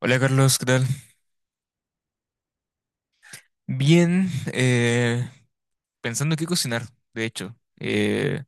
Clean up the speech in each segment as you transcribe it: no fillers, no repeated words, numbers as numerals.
Hola Carlos, ¿qué tal? Bien, pensando qué cocinar, de hecho.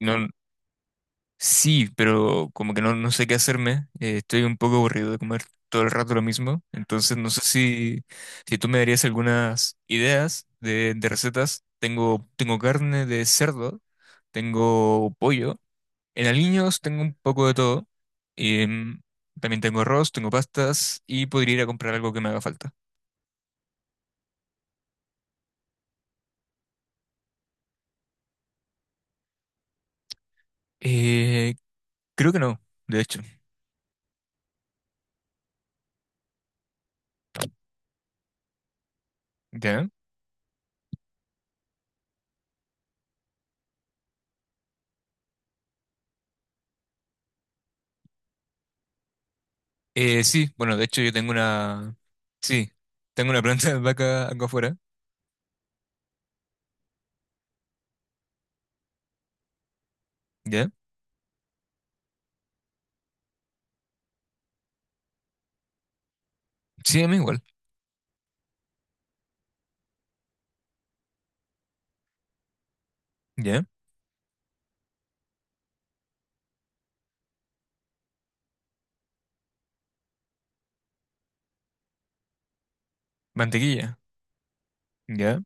No, sí, pero como que no sé qué hacerme. Estoy un poco aburrido de comer todo el rato lo mismo. Entonces no sé si tú me darías algunas ideas de recetas. Tengo carne de cerdo, tengo pollo. En aliños tengo un poco de todo. em, También tengo arroz, tengo pastas y podría ir a comprar algo que me haga falta. Eh, Creo que no, de hecho. ¿Ya? Sí, bueno, de hecho yo tengo una... Sí, tengo una planta de vaca acá afuera. ¿Ya? Sí, a mí igual. ¿Ya? Mantequilla. ¿Ya?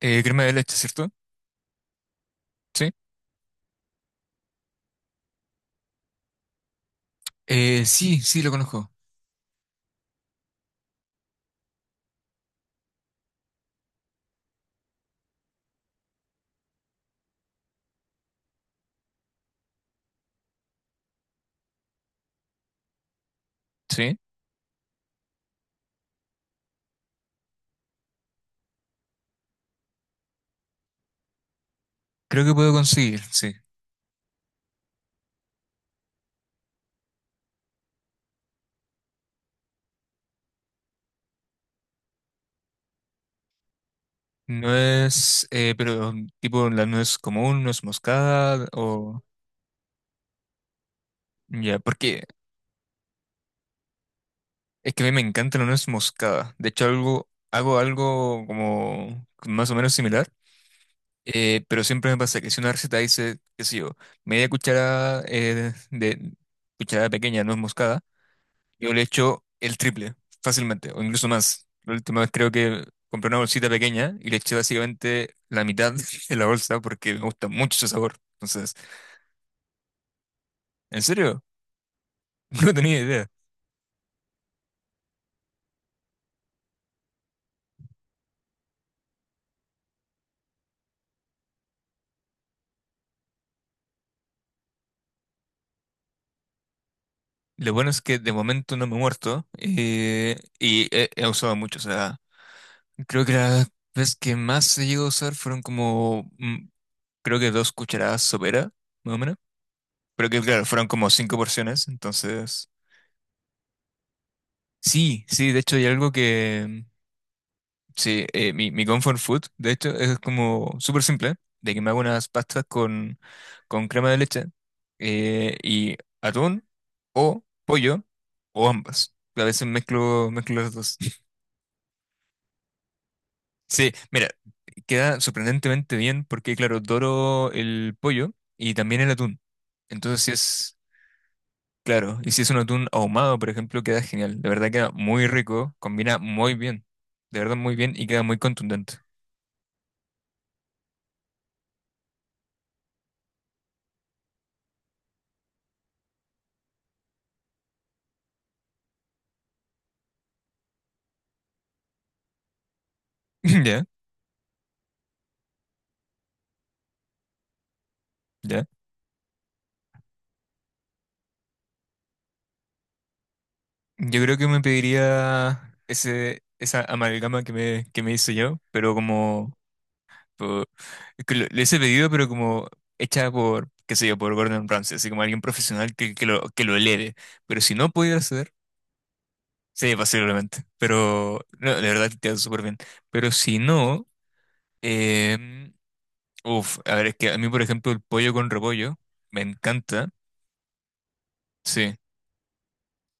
Crema de leche, ¿cierto? Sí. Sí, sí, lo conozco. Sí. Creo que puedo conseguir, sí. No es, pero tipo la nuez común, nuez moscada o... Ya, porque es que a mí me encanta la nuez moscada. De hecho, algo, hago algo como más o menos similar. Pero siempre me pasa que si una receta dice, qué sé yo, media cuchara de cucharada pequeña, no es moscada, yo le echo el triple fácilmente, o incluso más. La última vez creo que compré una bolsita pequeña y le eché básicamente la mitad de la bolsa porque me gusta mucho ese sabor. Entonces, ¿en serio? No tenía idea. Lo bueno es que de momento no me he muerto y he usado mucho. O sea, creo que la vez que más he llegado a usar fueron como creo que dos cucharadas sopera, más o menos. Pero que claro, fueron como cinco porciones, entonces... Sí, sí, de hecho hay algo que... Sí, mi comfort food, de hecho, es como súper simple, de que me hago unas pastas con crema de leche y atún o pollo o ambas. A veces mezclo, mezclo las dos. Sí, mira, queda sorprendentemente bien porque, claro, doro el pollo y también el atún. Entonces, sí es... Claro, y si es un atún ahumado, por ejemplo, queda genial. De verdad queda muy rico, combina muy bien. De verdad muy bien y queda muy contundente. Ya, ya. Yo creo que me pediría ese, esa amalgama que me hice yo, pero como... por- es que le hice pedido, pero como hecha por, qué sé yo, por Gordon Ramsay, así como alguien profesional que lo eleve. Pero si no pudiera acceder, sí, posiblemente. Pero no, de verdad queda súper bien. Pero si no... em, Uf, a ver, es que a mí, por ejemplo, el pollo con repollo me encanta. Sí,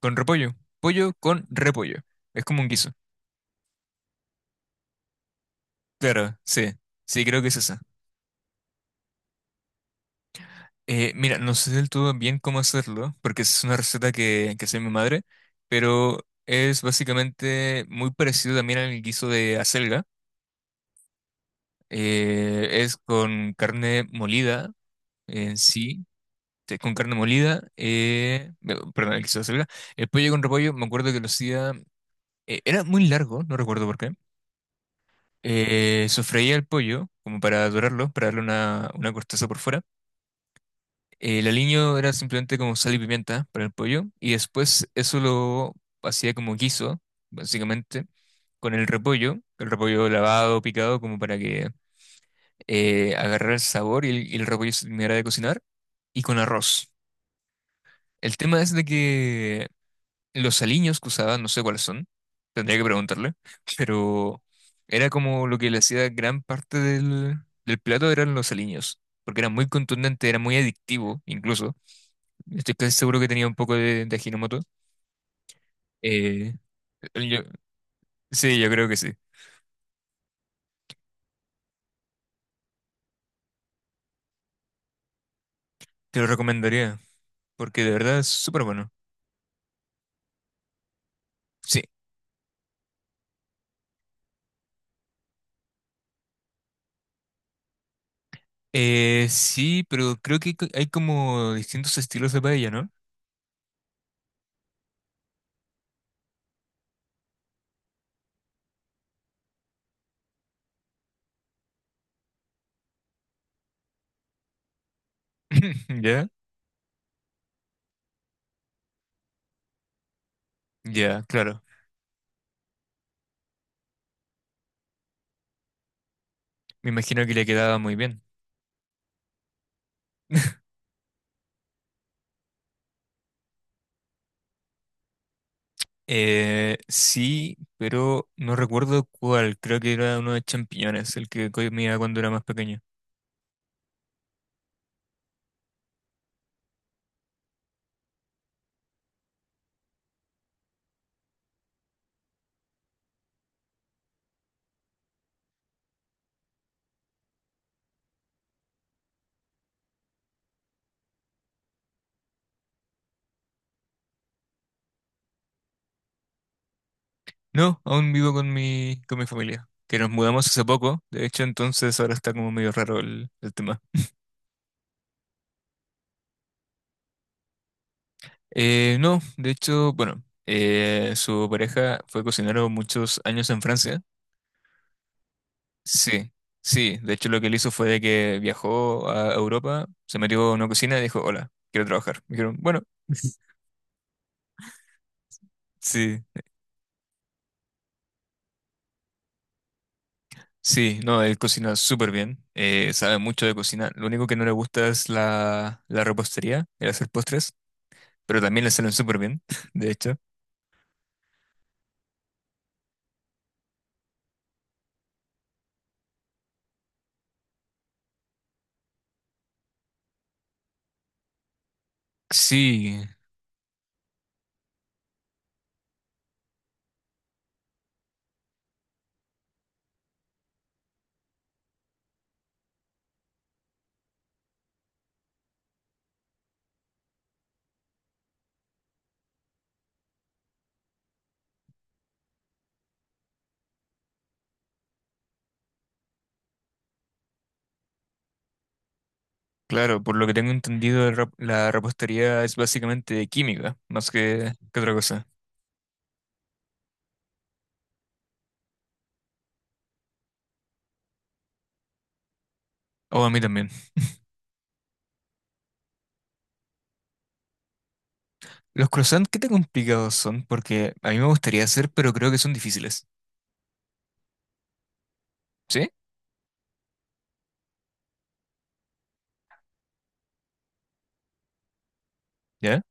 con repollo. Pollo con repollo. Es como un guiso. Claro, sí. Sí, creo que es esa. Mira, no sé del todo bien cómo hacerlo, porque es una receta que hace mi madre, pero es básicamente muy parecido también al guiso de acelga. Es con carne molida en sí, sí, con carne molida, perdón, el guiso de acelga. El pollo con repollo, me acuerdo que lo hacía era muy largo, no recuerdo por qué. Sofreía el pollo, como para dorarlo, para darle una corteza por fuera. El aliño era simplemente como sal y pimienta para el pollo. Y después eso lo hacía como guiso, básicamente, con el repollo. El repollo lavado, picado, como para que agarrara el sabor y y el repollo se terminara de cocinar. Y con arroz. El tema es de que los aliños que usaba, no sé cuáles son, tendría que preguntarle, pero era como lo que le hacía gran parte del plato eran los aliños, porque era muy contundente, era muy adictivo incluso. Estoy casi seguro que tenía un poco de Ajinomoto. Eh, yo- sí, yo creo que sí. Te lo recomendaría, porque de verdad es súper bueno. Sí, sí, pero creo que hay como distintos estilos de paella, ¿no? Ya, ya, claro. Me imagino que le quedaba muy bien. Sí, pero no recuerdo cuál. Creo que era uno de champiñones, el que comía cuando era más pequeño. No, aún vivo con con mi familia, que nos mudamos hace poco. De hecho, entonces ahora está como medio raro el tema. No, de hecho, bueno, su pareja fue cocinero muchos años en Francia. Sí, sí. De hecho, lo que él hizo fue de que viajó a Europa, se metió en una cocina y dijo, hola, quiero trabajar. Me dijeron, bueno. Sí. Sí, no, él cocina súper bien, sabe mucho de cocina. Lo único que no le gusta es la repostería, el hacer postres, pero también le salen súper bien, de hecho. Sí, claro, por lo que tengo entendido, la repostería es básicamente química, más que otra cosa. O a mí también. Los croissants, ¿qué tan complicados son? Porque a mí me gustaría hacer, pero creo que son difíciles. ¿Sí? ¿Ya?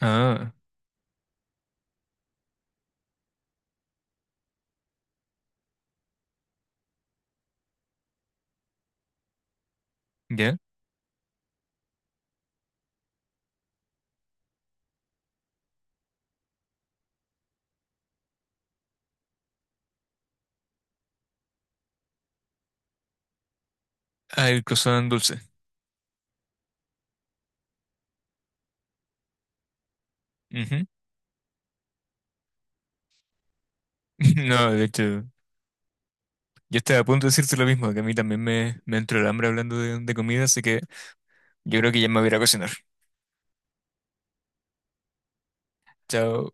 Ah, ¿ya? Ah, el croissant dulce. Ujú. No, de hecho. Yo estaba a punto de decirte lo mismo, que a mí también me entró el hambre hablando de comida, así que yo creo que ya me voy a ir a cocinar. Chao.